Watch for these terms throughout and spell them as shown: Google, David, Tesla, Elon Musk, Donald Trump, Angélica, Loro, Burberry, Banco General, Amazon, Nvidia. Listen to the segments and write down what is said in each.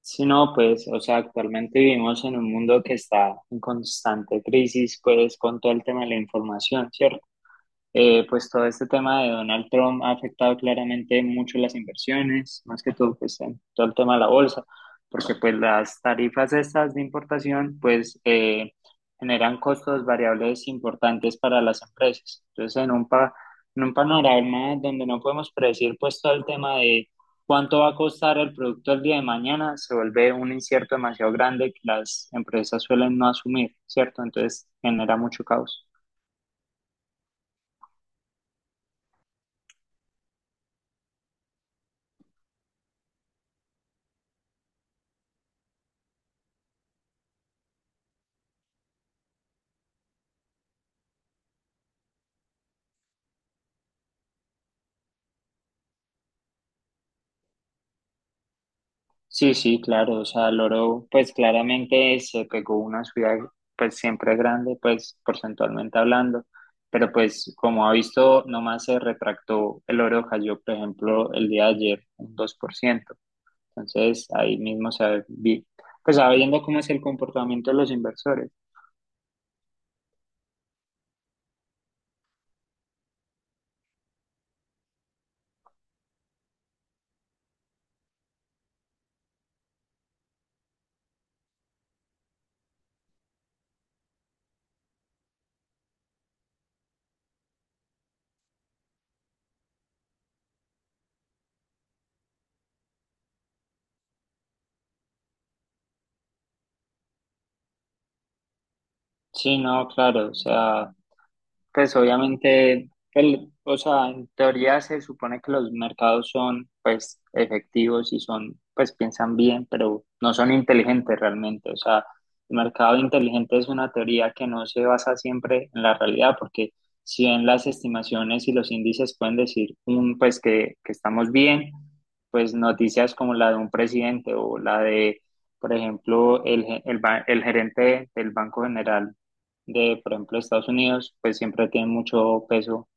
Sí, no, pues, o sea, actualmente vivimos en un mundo que está en constante crisis, pues, con todo el tema de la información, ¿cierto? Pues todo este tema de Donald Trump ha afectado claramente mucho las inversiones, más que todo pues en todo el tema de la bolsa, porque pues las tarifas estas de importación pues generan costos variables importantes para las empresas. Entonces en un panorama donde no podemos predecir pues todo el tema de cuánto va a costar el producto el día de mañana, se vuelve un incierto demasiado grande que las empresas suelen no asumir, ¿cierto? Entonces genera mucho caos. Sí, sí, claro, o sea, loro, pues claramente se pegó una ciudad, pues siempre grande, pues porcentualmente hablando, pero pues como ha visto, nomás se retractó, el oro cayó, por ejemplo, el día de ayer un 2%, entonces ahí mismo se vi, pues sabiendo cómo es el comportamiento de los inversores. Sí, no, claro, o sea, pues obviamente, o sea, en teoría se supone que los mercados son pues efectivos y son, pues piensan bien, pero no son inteligentes realmente. O sea, el mercado inteligente es una teoría que no se basa siempre en la realidad, porque si bien las estimaciones y los índices pueden decir pues que estamos bien, pues noticias como la de un presidente o la de, por ejemplo, el, ge- el, ba- el gerente del Banco General de, por ejemplo, Estados Unidos, pues siempre tiene mucho peso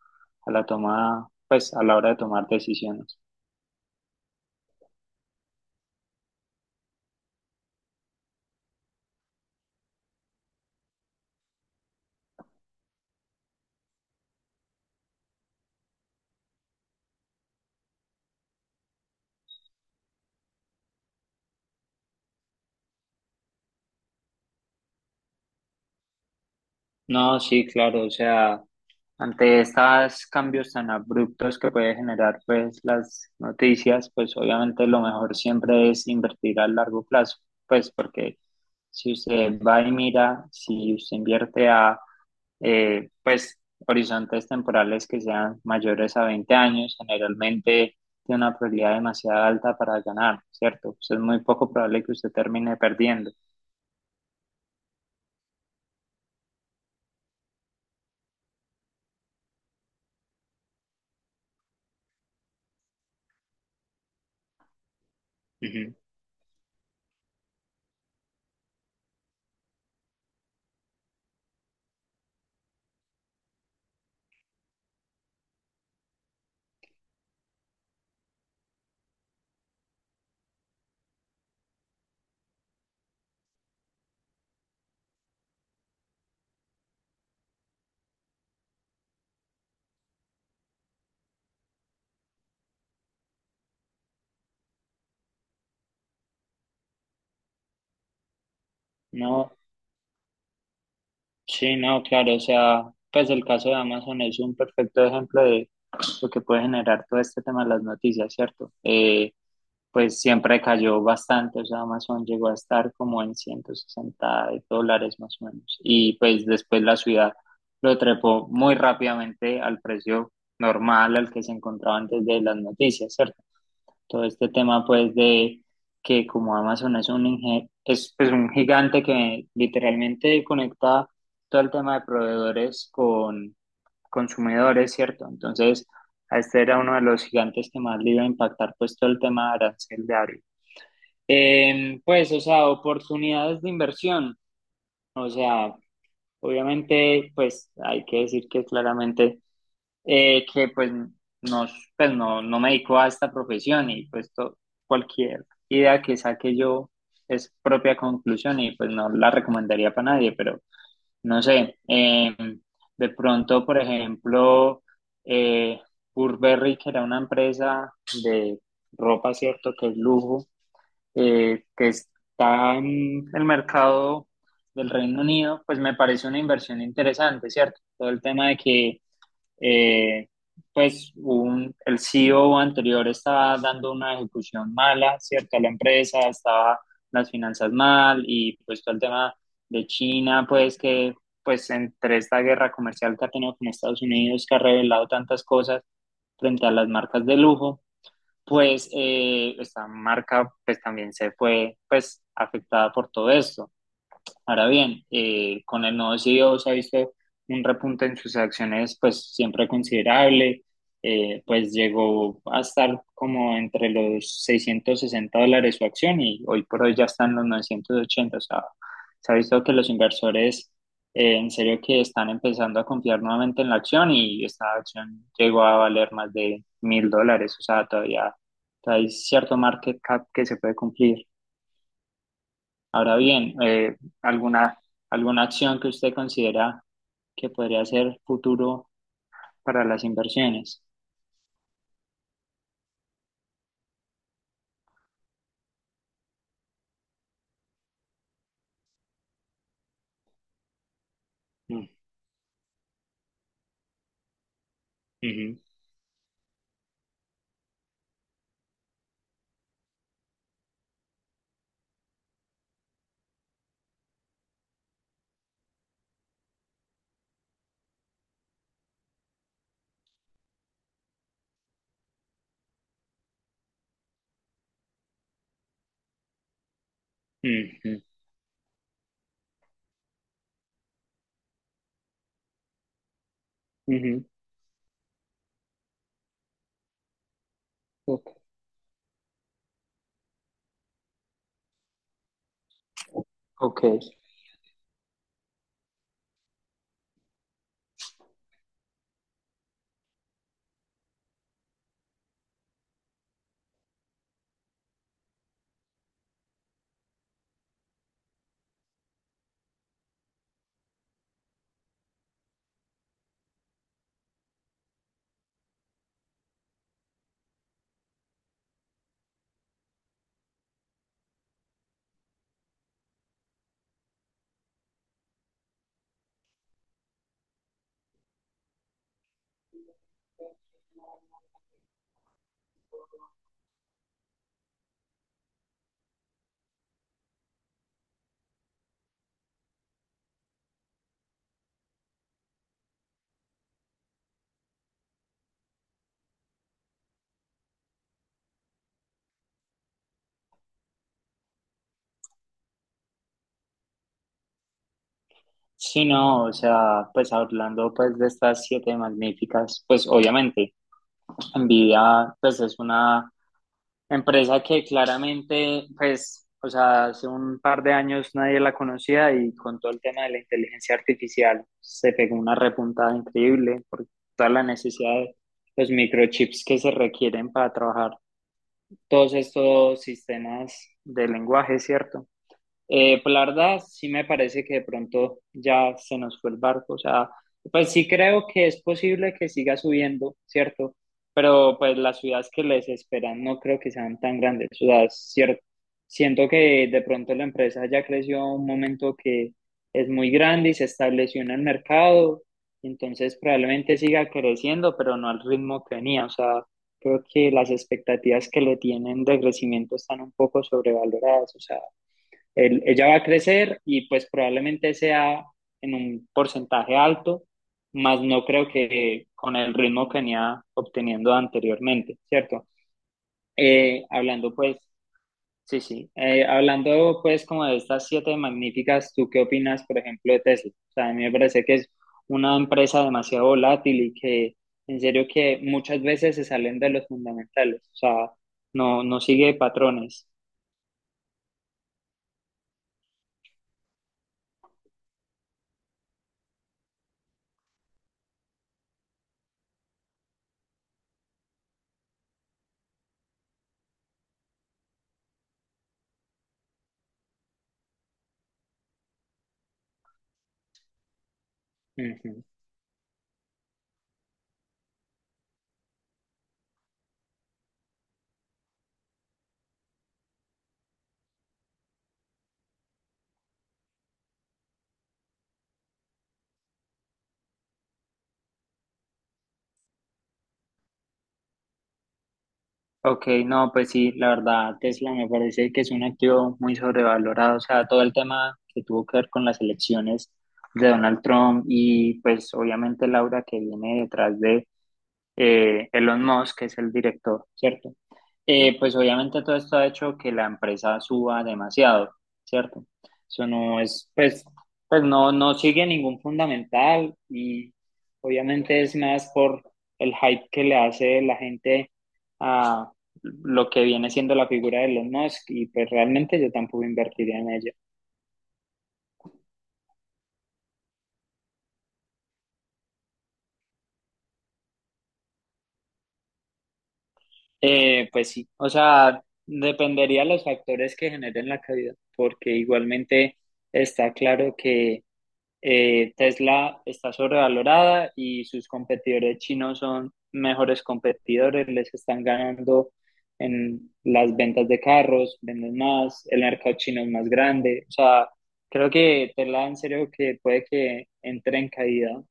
a la toma, pues a la hora de tomar decisiones. No, sí, claro, o sea, ante estos cambios tan abruptos que puede generar pues las noticias, pues obviamente lo mejor siempre es invertir a largo plazo, pues porque si usted va y mira, si usted invierte a pues horizontes temporales que sean mayores a 20 años, generalmente tiene una probabilidad demasiado alta para ganar, ¿cierto? Pues es muy poco probable que usted termine perdiendo. Ujú. No, sí, no, claro, o sea, pues el caso de Amazon es un perfecto ejemplo de lo que puede generar todo este tema de las noticias, ¿cierto? Pues siempre cayó bastante, o sea, Amazon llegó a estar como en 160 dólares más o menos. Y pues después la ciudad lo trepó muy rápidamente al precio normal al que se encontraba antes de las noticias, ¿cierto? Todo este tema pues de que como Amazon es es, pues, un gigante que literalmente conecta todo el tema de proveedores con consumidores, ¿cierto? Entonces, a este era uno de los gigantes que más le iba a impactar pues todo el tema de arancel de. Pues, o sea, oportunidades de inversión. O sea, obviamente, pues hay que decir que claramente que pues no, pues no me dedico a esta profesión y pues cualquier idea que saque yo es propia conclusión y pues no la recomendaría para nadie, pero no sé, de pronto, por ejemplo, eh, Burberry, que era una empresa de ropa, ¿cierto? Que es lujo que está en el mercado del Reino Unido, pues me parece una inversión interesante, ¿cierto? Todo el tema de que, eh, pues, el CEO anterior estaba dando una ejecución mala, ¿cierto? A la empresa, estaba las finanzas mal y pues todo el tema de China, pues pues, entre esta guerra comercial que ha tenido con Estados Unidos, que ha revelado tantas cosas frente a las marcas de lujo pues esta marca pues también se fue pues afectada por todo esto. Ahora bien, con el nuevo CEO se ha visto un repunte en sus acciones, pues siempre considerable, pues llegó a estar como entre los 660 dólares su acción y hoy por hoy ya están los 980, o sea, se ha visto que los inversores en serio que están empezando a confiar nuevamente en la acción y esta acción llegó a valer más de 1.000 dólares, o sea, todavía hay cierto market cap que se puede cumplir. Ahora bien, ¿alguna, alguna acción que usted considera que podría ser futuro para las inversiones? Mm, ujú, ujú, ujú. Ok. Ok, sí, no, o sea, pues hablando pues de estas siete magníficas, pues obviamente, Nvidia pues es una empresa que claramente, pues, o sea, hace un par de años nadie la conocía y con todo el tema de la inteligencia artificial se pegó una repuntada increíble por toda la necesidad de los microchips que se requieren para trabajar todos estos sistemas de lenguaje, ¿cierto? Pues la verdad, sí me parece que de pronto ya se nos fue el barco. O sea, pues sí creo que es posible que siga subiendo, ¿cierto? Pero pues las ciudades que les esperan no creo que sean tan grandes. O sea, es cierto. Siento que de pronto la empresa ya creció a un momento que es muy grande y se estableció en el mercado. Entonces probablemente siga creciendo, pero no al ritmo que venía. O sea, creo que las expectativas que le tienen de crecimiento están un poco sobrevaloradas. O sea, ella va a crecer y pues probablemente sea en un porcentaje alto, más no creo que con el ritmo que venía obteniendo anteriormente, ¿cierto? Hablando pues, sí, sí. Hablando pues como de estas siete magníficas, ¿tú qué opinas, por ejemplo, de Tesla? O sea, a mí me parece que es una empresa demasiado volátil y que en serio que muchas veces se salen de los fundamentales, o sea, no, no sigue patrones. Ujú. Ok, no, pues sí, la verdad, Tesla me parece que es un activo muy sobrevalorado, o sea, todo el tema que tuvo que ver con las elecciones de Donald Trump y pues obviamente Laura que viene detrás de Elon Musk, que es el director, ¿cierto? Pues obviamente todo esto ha hecho que la empresa suba demasiado, ¿cierto? Eso no es, pues, no, no sigue ningún fundamental y obviamente es más por el hype que le hace la gente a lo que viene siendo la figura de Elon Musk y pues realmente yo tampoco invertiría en ella. Pues sí, o sea, dependería de los factores que generen la caída, porque igualmente está claro que Tesla está sobrevalorada y sus competidores chinos son mejores competidores, les están ganando en las ventas de carros, venden más, el mercado chino es más grande. O sea, creo que Tesla en serio que puede que entre en caída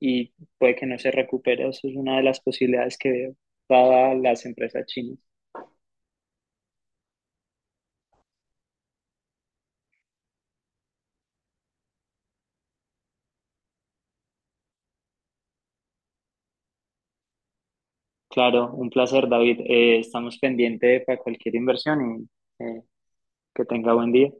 y puede que no se recupere. Eso es una de las posibilidades que veo para las empresas chinas. Claro, un placer, David. Estamos pendientes para cualquier inversión y que tenga buen día.